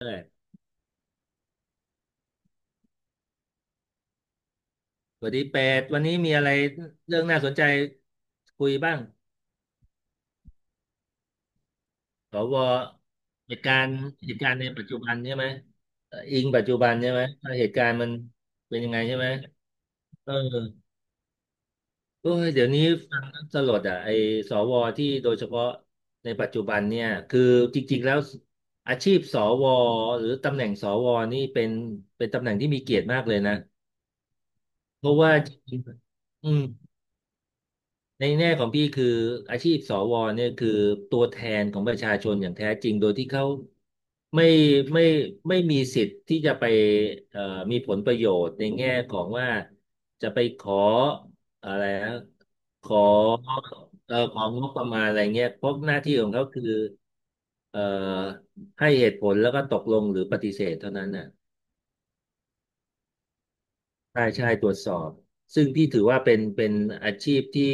เออสวัสดีเป็ดวันนี้มีอะไรเรื่องน่าสนใจคุยบ้างสวเหตุการณ์ในปัจจุบันใช่ไหมอิงปัจจุบันใช่ไหมว่าเหตุการณ์มันเป็นยังไงใช่ไหมเออโอ้ยเดี๋ยวนี้ฟังแล้วสลดอ่ะไอ้สวที่โดยเฉพาะในปัจจุบันเนี่ยคือจริงๆแล้วอาชีพสวหรือตำแหน่งสวนี่เป็นตำแหน่งที่มีเกียรติมากเลยนะเพราะว่าจริงๆในแง่ของพี่คืออาชีพสวเนี่ยคือตัวแทนของประชาชนอย่างแท้จริงโดยที่เขาไม่ไม่ไม่มีสิทธิ์ที่จะไปเอ่อมีผลประโยชน์ในแง่ของว่าจะไปขออะไรนะขอของงบประมาณอะไรเงี้ยเพราะหน้าที่ของเขาคือเอ่อให้เหตุผลแล้วก็ตกลงหรือปฏิเสธเท่านั้นน่ะ ใช่ใช่ตรวจสอบซึ่งพี่ถือว่าเป็นอาชีพที่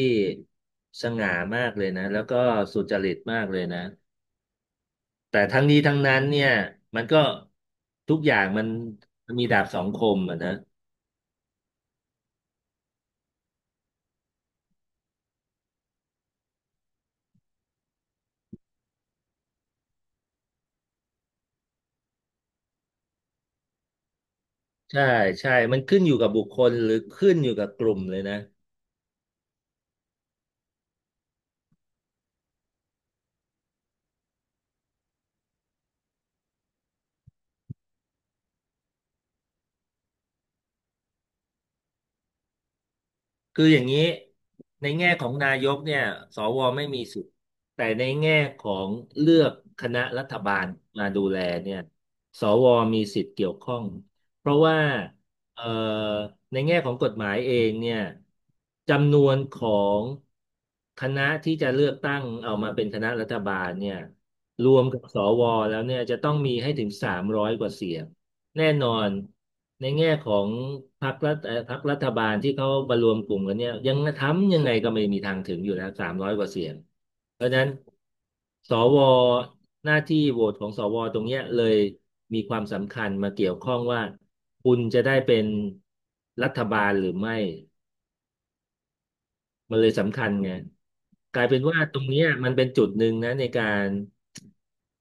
สง่ามากเลยนะแล้วก็สุจริตมากเลยนะแต่ทั้งนี้ทั้งนั้นเนี่ยมันก็ทุกอย่างมันมีดาบสองคมอะนะใช่ใช่มันขึ้นอยู่กับบุคคลหรือขึ้นอยู่กับกลุ่มเลยนะ คืออย่างนี้ในแง่ของนายกเนี่ยสวไม่มีสิทธิ์แต่ในแง่ของเลือกคณะรัฐบาลมาดูแลเนี่ยสวมีสิทธิ์เกี่ยวข้องเพราะว่าเอ่อในแง่ของกฎหมายเองเนี่ยจำนวนของคณะที่จะเลือกตั้งเอามาเป็นคณะรัฐบาลเนี่ยรวมกับสวแล้วเนี่ยจะต้องมีให้ถึงสามร้อยกว่าเสียงแน่นอน ในแง่ของพรรครัฐพรรครัฐบาลที่เขามารวมกลุ่มกันเนี่ยยังทำยังไงก็ไม่มีทางถึงอยู่แล้วสามร้อยกว่าเสียงสวหน้าที่โหวตของสวตรงเนี้ยเลยมีความสำคัญมาเกี่ยวข้องว่าคุณจะได้เป็นรัฐบาลหรือไม่มันเลยสำคัญไงกลายเป็นว่าตรงเนี้ยมันเป็นจุดหนึ่งนะในการ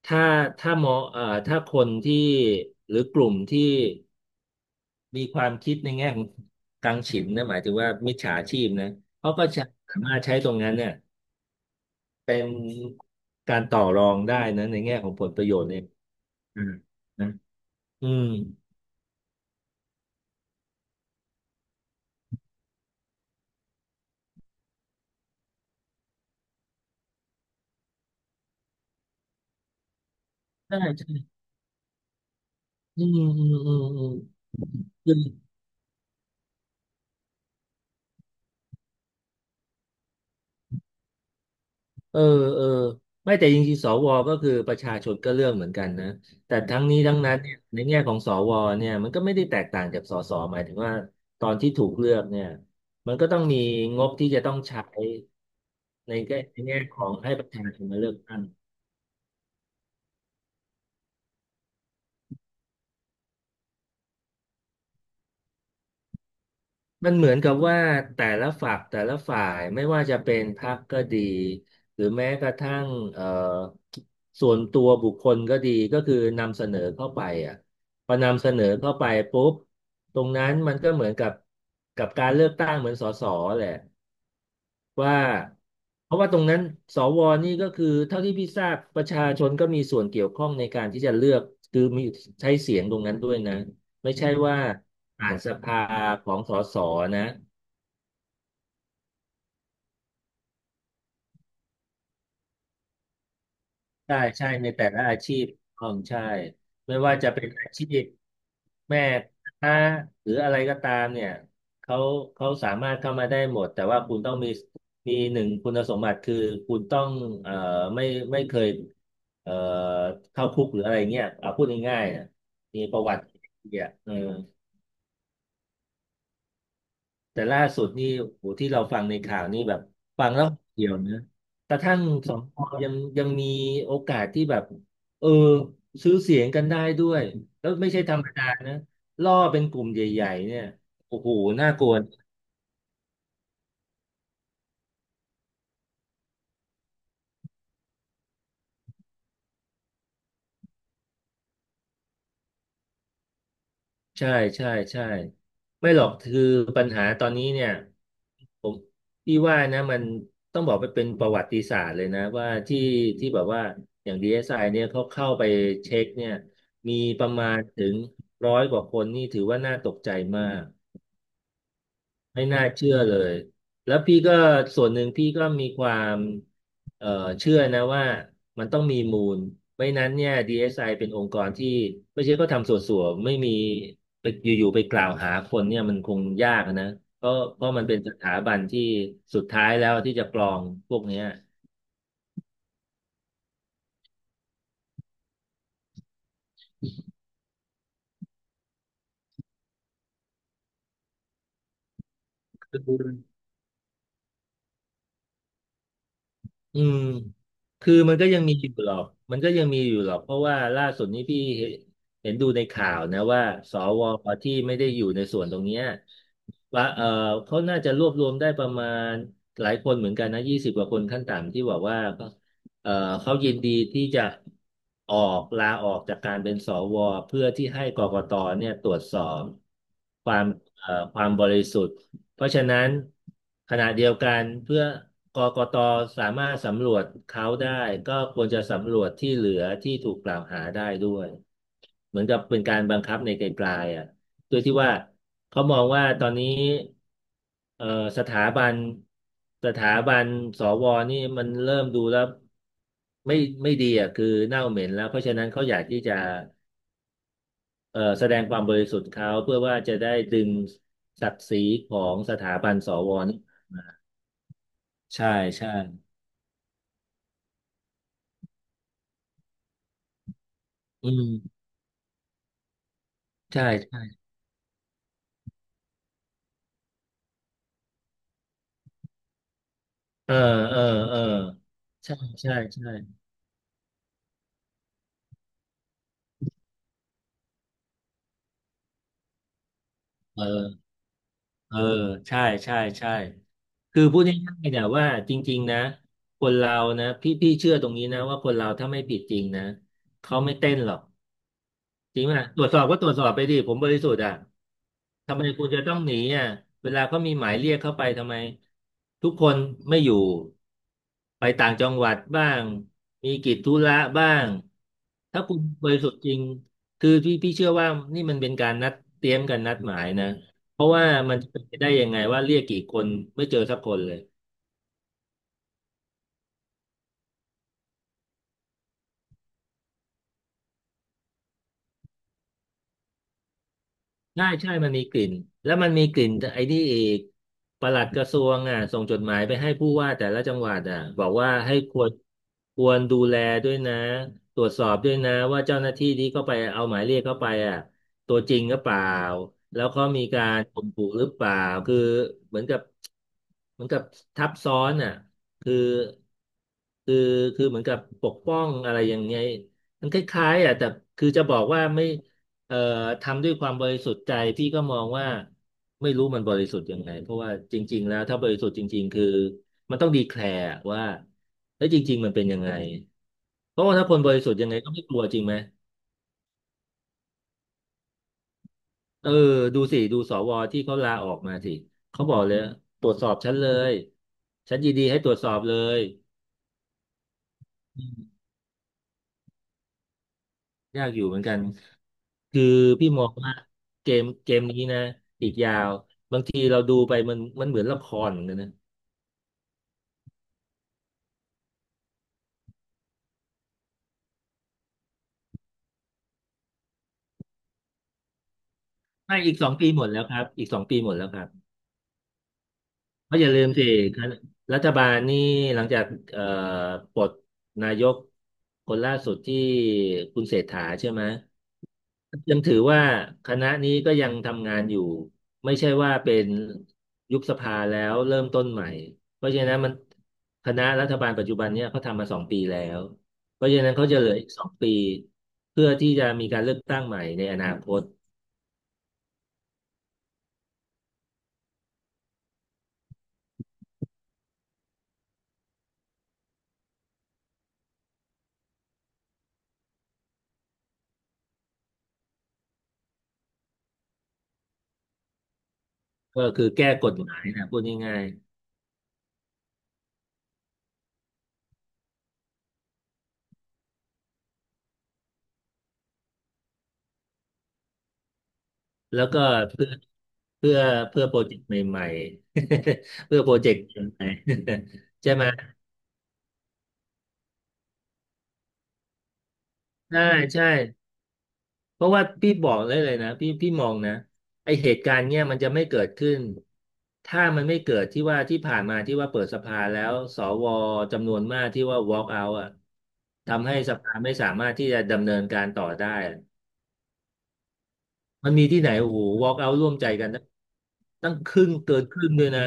ถ้าถ้ามองถ้าคนที่หรือกลุ่มที่ มีความคิดในแง่ของกังฉิมนะหมายถึงว่ามิจฉาชีพนะเขาก็จะสามารถใช้ตรงนั้นเนี่ยเป็นการต่อรองได้นะในแง่ของผลประโยชน์เนี่ยอืมนะอืมใช่ใช่อืมอืมอืมอืม เออเออไม่แต่จริงๆสวก็คือประชาชนก็เลือกเหมือนกันนะแต่ทั้งนี้ทั้งนั้นเนี่ยในแง่ของสวเนี่ยมันก็ไม่ได้แตกต่างจากสสหมายถึงว่าตอนที่ถูกเลือกเนี่ยมันก็ต้องมีงบที่จะต้องใช้ในแง่ของให้ประชาชนมาเลือกตั้ง มันเหมือนกับว่าแต่ละฝักแต่ละฝ่ายไม่ว่าจะเป็นพรรคก็ดีหรือแม้กระทั่งเอ่อส่วนตัวบุคคลก็ดีก็คือนำเสนอเข้าไปอ่ะพอนำเสนอเข้าไปปุ๊บตรงนั้นมันก็เหมือนกับการเลือกตั้งเหมือนสสแหละว่าเพราะว่าตรงนั้นสวนี่ก็คือเท่าที่พี่ทราบประชาชนก็มีส่วนเกี่ยวข้องในการที่จะเลือกคือมีใช้เสียงตรงนั้นด้วยนะไม่ใช่ว่าผ่านสภาของสสนะ ใช่ใช่ในแต่ละอาชีพของใช่ ไม่ว่าจะเป็นอาชีพแม่ค้าหรืออะไรก็ตามเนี่ยเขาเขาสามารถเข้ามาได้หมดแต่ว่าคุณต้องมีหนึ่งคุณสมบัติคือคุณต้องเอ่อไม่ไม่เคยเอ่อเข้าคุกหรืออะไรเงี้ยเอาพูดง่ายๆนะมีประวัติเนี่ยเออ แต่ล่าสุดนี่โหที่เราฟังในข่าวนี่แบบฟังแล้วเดียวนะกระทั่งสองพยังมีโอกาสที่แบบเออซื้อเสียงกันได้ด้วยแล้วไม่ใช่ธรรมดานะล่อเป็นกลุ่มใหญ่ๆเนี่ยโอ้โหน่ากลัวใช่ใช่ใช่ไม่หรอกคือปัญหาตอนนี้เนี่ย ผมพี่ว่านะมันต้องบอกไปเป็นประวัติศาสตร์เลยนะว่าที่ที่แบบว่าอย่าง DSI เอสไอเนี่ยเขาเข้าไปเช็คเนี่ยมีประมาณถึงร้อยกว่าคนนี่ถือว่าน่าตกใจมาก ไม่น่าเชื่อเลย แล้วพี่ก็ส่วนหนึ่งพี่ก็มีความเอ่อเชื่อนะว่ามันต้องมีมูลไม่นั้นเนี่ย DSI เอสไอเป็นองค์กรที่ไม่ใช่ก็ทำส่วนๆไม่มีไปอยู่ๆ ไปกล่าวหาคนเนี่ยมันคงยากนะเพราะมันเป็นสถาบันที่สุดท้ายแล้วที่จะกรองพวกเนี้ย อืมคือมันก็ยังมีอยู่หรอกมันก็ยังมีอยู่หรอกเพราะว่าล่าสุดนี้พี่เห็นดูในข่าวนะว่าสวที่ไม่ได้อยู่ในส่วนตรงเนี้ยว่าเขาน่าจะรวบรวมได้ประมาณหลายคนเหมือนกันนะยี่สิบกว่าคนขั้นต่ำที่บอกว่าเออเขายินดีที่จะออกลาออกจากการเป็นสวเพื่อที่ให้กกตเนี่ยตรวจสอบความความบริสุทธิ์ เพราะฉะนั้นขณะเดียวกันเพื่อกกตสามารถสำรวจเขาได้ก็ควรจะสำรวจที่เหลือที่ถูกกล่าวหาได้ด้วยเหมือนกับเป็นการบังคับในไกลๆอ่ะโดยที่ว่าเขามองว่าตอนนี้เอ่อสถาบันสถาบันสวนี่มันเริ่มดูแล้วไม่ไม่ดีอ่ะคือเน่าเหม็นแล้วเพราะฉะนั้นเขาอยากที่จะแสดงความบริสุทธิ์เขาเพื่อว่าจะได้ดึงศักดิ์ศรีของสถาบันสว ใช่ใช่อืมใช่ใช่เออเออเออใช่ใช่ใช่เออเออใช่ใช่ใช่คือพูดง่ายๆเนี่ยว่าจริงๆนะคนเรานะพี่เชื่อตรงนี้นะว่าคนเราถ้าไม่ผิดจริงนะเขาไม่เต้นหรอก จริงไหมตรวจสอบก็ตรวจสอบไปดิผมบริสุทธิ์อ่ะทำไมคุณจะต้องหนีอ่ะเวลาเขามีหมายเรียกเข้าไปทำไมทุกคนไม่อยู่ไปต่างจังหวัดบ้างมีกิจธุระบ้างถ้าคุณบริสุทธิ์จริงคือพี่เชื่อว่านี่มันเป็นการนัดเตรียมกันนัดหมายนะเพราะว่ามันจะเป็นไปได้ยังไงว่าเรียกกี่คนไม่เจอสักคนเลย ใช่ใช่มันมีกลิ่นแล้วมันมีกลิ่นไอ้นี่อีกปลัดกระทรวงอ่ะส่งจดหมายไปให้ผู้ว่าแต่ละจังหวัดอ่ะบอกว่าให้ควรดูแลด้วยนะตรวจสอบด้วยนะว่าเจ้าหน้าที่ที่เข้าไปเอาหมายเรียกเข้าไปอ่ะตัวจริงหรือเปล่าแล้วเขามีการข่มขู่หรือเปล่าคือเหมือนกับเหมือนกับทับซ้อนอ่ะคือคือคือเหมือนกับปกป้องอะไรอย่างเงี้ยมันคล้ายๆอ่ะแต่คือจะบอกว่าไม่ เอ่อทำด้วยความบริสุทธิ์ใจพี่ก็มองว่าไม่รู้มันบริสุทธิ์ยังไงเพราะว่าจริงๆแล้วถ้าบริสุทธิ์จริงๆคือมันต้องดีแคลร์ว่าเอ้ยจริงๆมันเป็นยังไงเพราะว่าถ้าคนบริสุทธิ์ยังไงก็ไม่กลัวจริงไหมเออดูสิดูสวที่เขาลาออกมาสิเขาบอกเลยตรวจสอบฉันเลยฉันยินดีให้ตรวจสอบเลยอืมยากอยู่เหมือนกันคือพี่มองว่าเกมนี้นะอีกยาวบางทีเราดูไปมันเหมือนละครเหมือนกันนะ ไม่อีกสองปีหมดแล้วครับอีกสองปีหมดแล้วครับเพราะอย่าลืมสิคณะรัฐบาลนี่หลังจากเอ่อปลดนายกคนล่าสุดที่คุณเศรษฐาใช่ไหมยังถือว่าคณะนี้ก็ยังทำงานอยู่ไม่ใช่ว่าเป็นยุบสภาแล้วเริ่มต้นใหม่เพราะฉะนั้นคณะรัฐบาลปัจจุบันเนี่ยเขาทำมาสองปีแล้วเพราะฉะนั้นเขาจะเหลืออีกสองปีเพื่อที่จะมีการเลือกตั้งใหม่ในอนาคตก็คือแก้กฎหมายนะพูดง่าย แล้วก็เพื่อเพื่อเพื่อโปรเจกต์ใหม่ๆ เพื่อโปรเจกต์ใหม่ๆ ใช่ไหมใช่ใช่เพราะว่าพี่บอกเลยนะพี่มองนะไอเหตุการณ์เนี้ยมันจะไม่เกิดขึ้นถ้ามันไม่เกิดที่ว่าที่ผ่านมาที่ว่าเปิดสภาแล้วสวจำนวนมากที่ว่า walk out อ่ะทำให้สภาไม่สามารถที่จะดำเนินการต่อได้ มันมีที่ไหนโอ้โห walk out ร่วมใจกันนะตั้งครึ่งเกินครึ่งด้วยนะ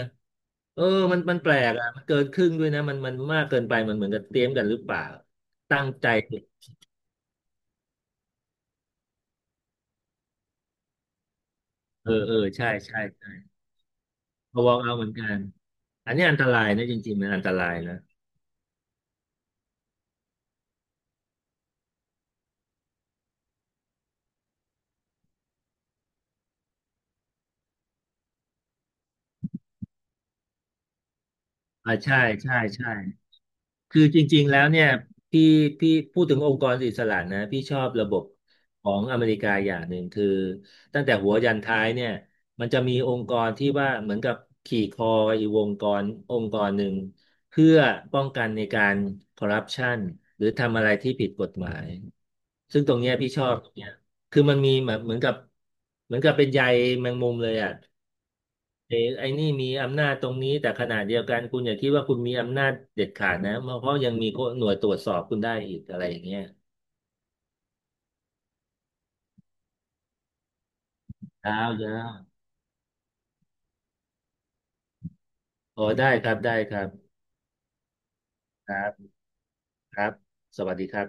เออมันแปลกอ่ะมันเกินครึ่งด้วยนะมันมากเกินไปมันเหมือนกับเตรียมกันหรือเปล่าตั้งใจเออเออใช่ใช่ใช่พอ walk out เหมือนกันอันนี้อันตรายนะจริงๆมันอันตรายนะอ่าใช่ใช่ใช่ คือจริงๆแล้วเนี่ยพี่พี่พูดถึงองค์กรอิสระนะพี่ชอบระบบของอเมริกาอย่างหนึ่งคือตั้งแต่หัวยันท้ายเนี่ยมันจะมีองค์กรที่ว่าเหมือนกับขี่คออีกองค์กรองค์กรหนึ่งเพื่อป้องกันในการคอร์รัปชันหรือทำอะไรที่ผิดกฎหมายซึ่งตรงเนี้ยพี่ชอบตรงเนี้ยคือมันมีแบบเหมือนกับเป็นใยแมงมุมเลยอ่ะ ไอ้นี่มีอำนาจตรงนี้แต่ขณะเดียวกันคุณอย่าคิดว่าคุณมีอำนาจเด็ดขาดนะเพราะยังมีหน่วยตรวจสอบคุณได้อีกอะไรอย่างเงี้ยยาวยาวโอ้ได้ครับได้ครับครับครับสวัสดีครับ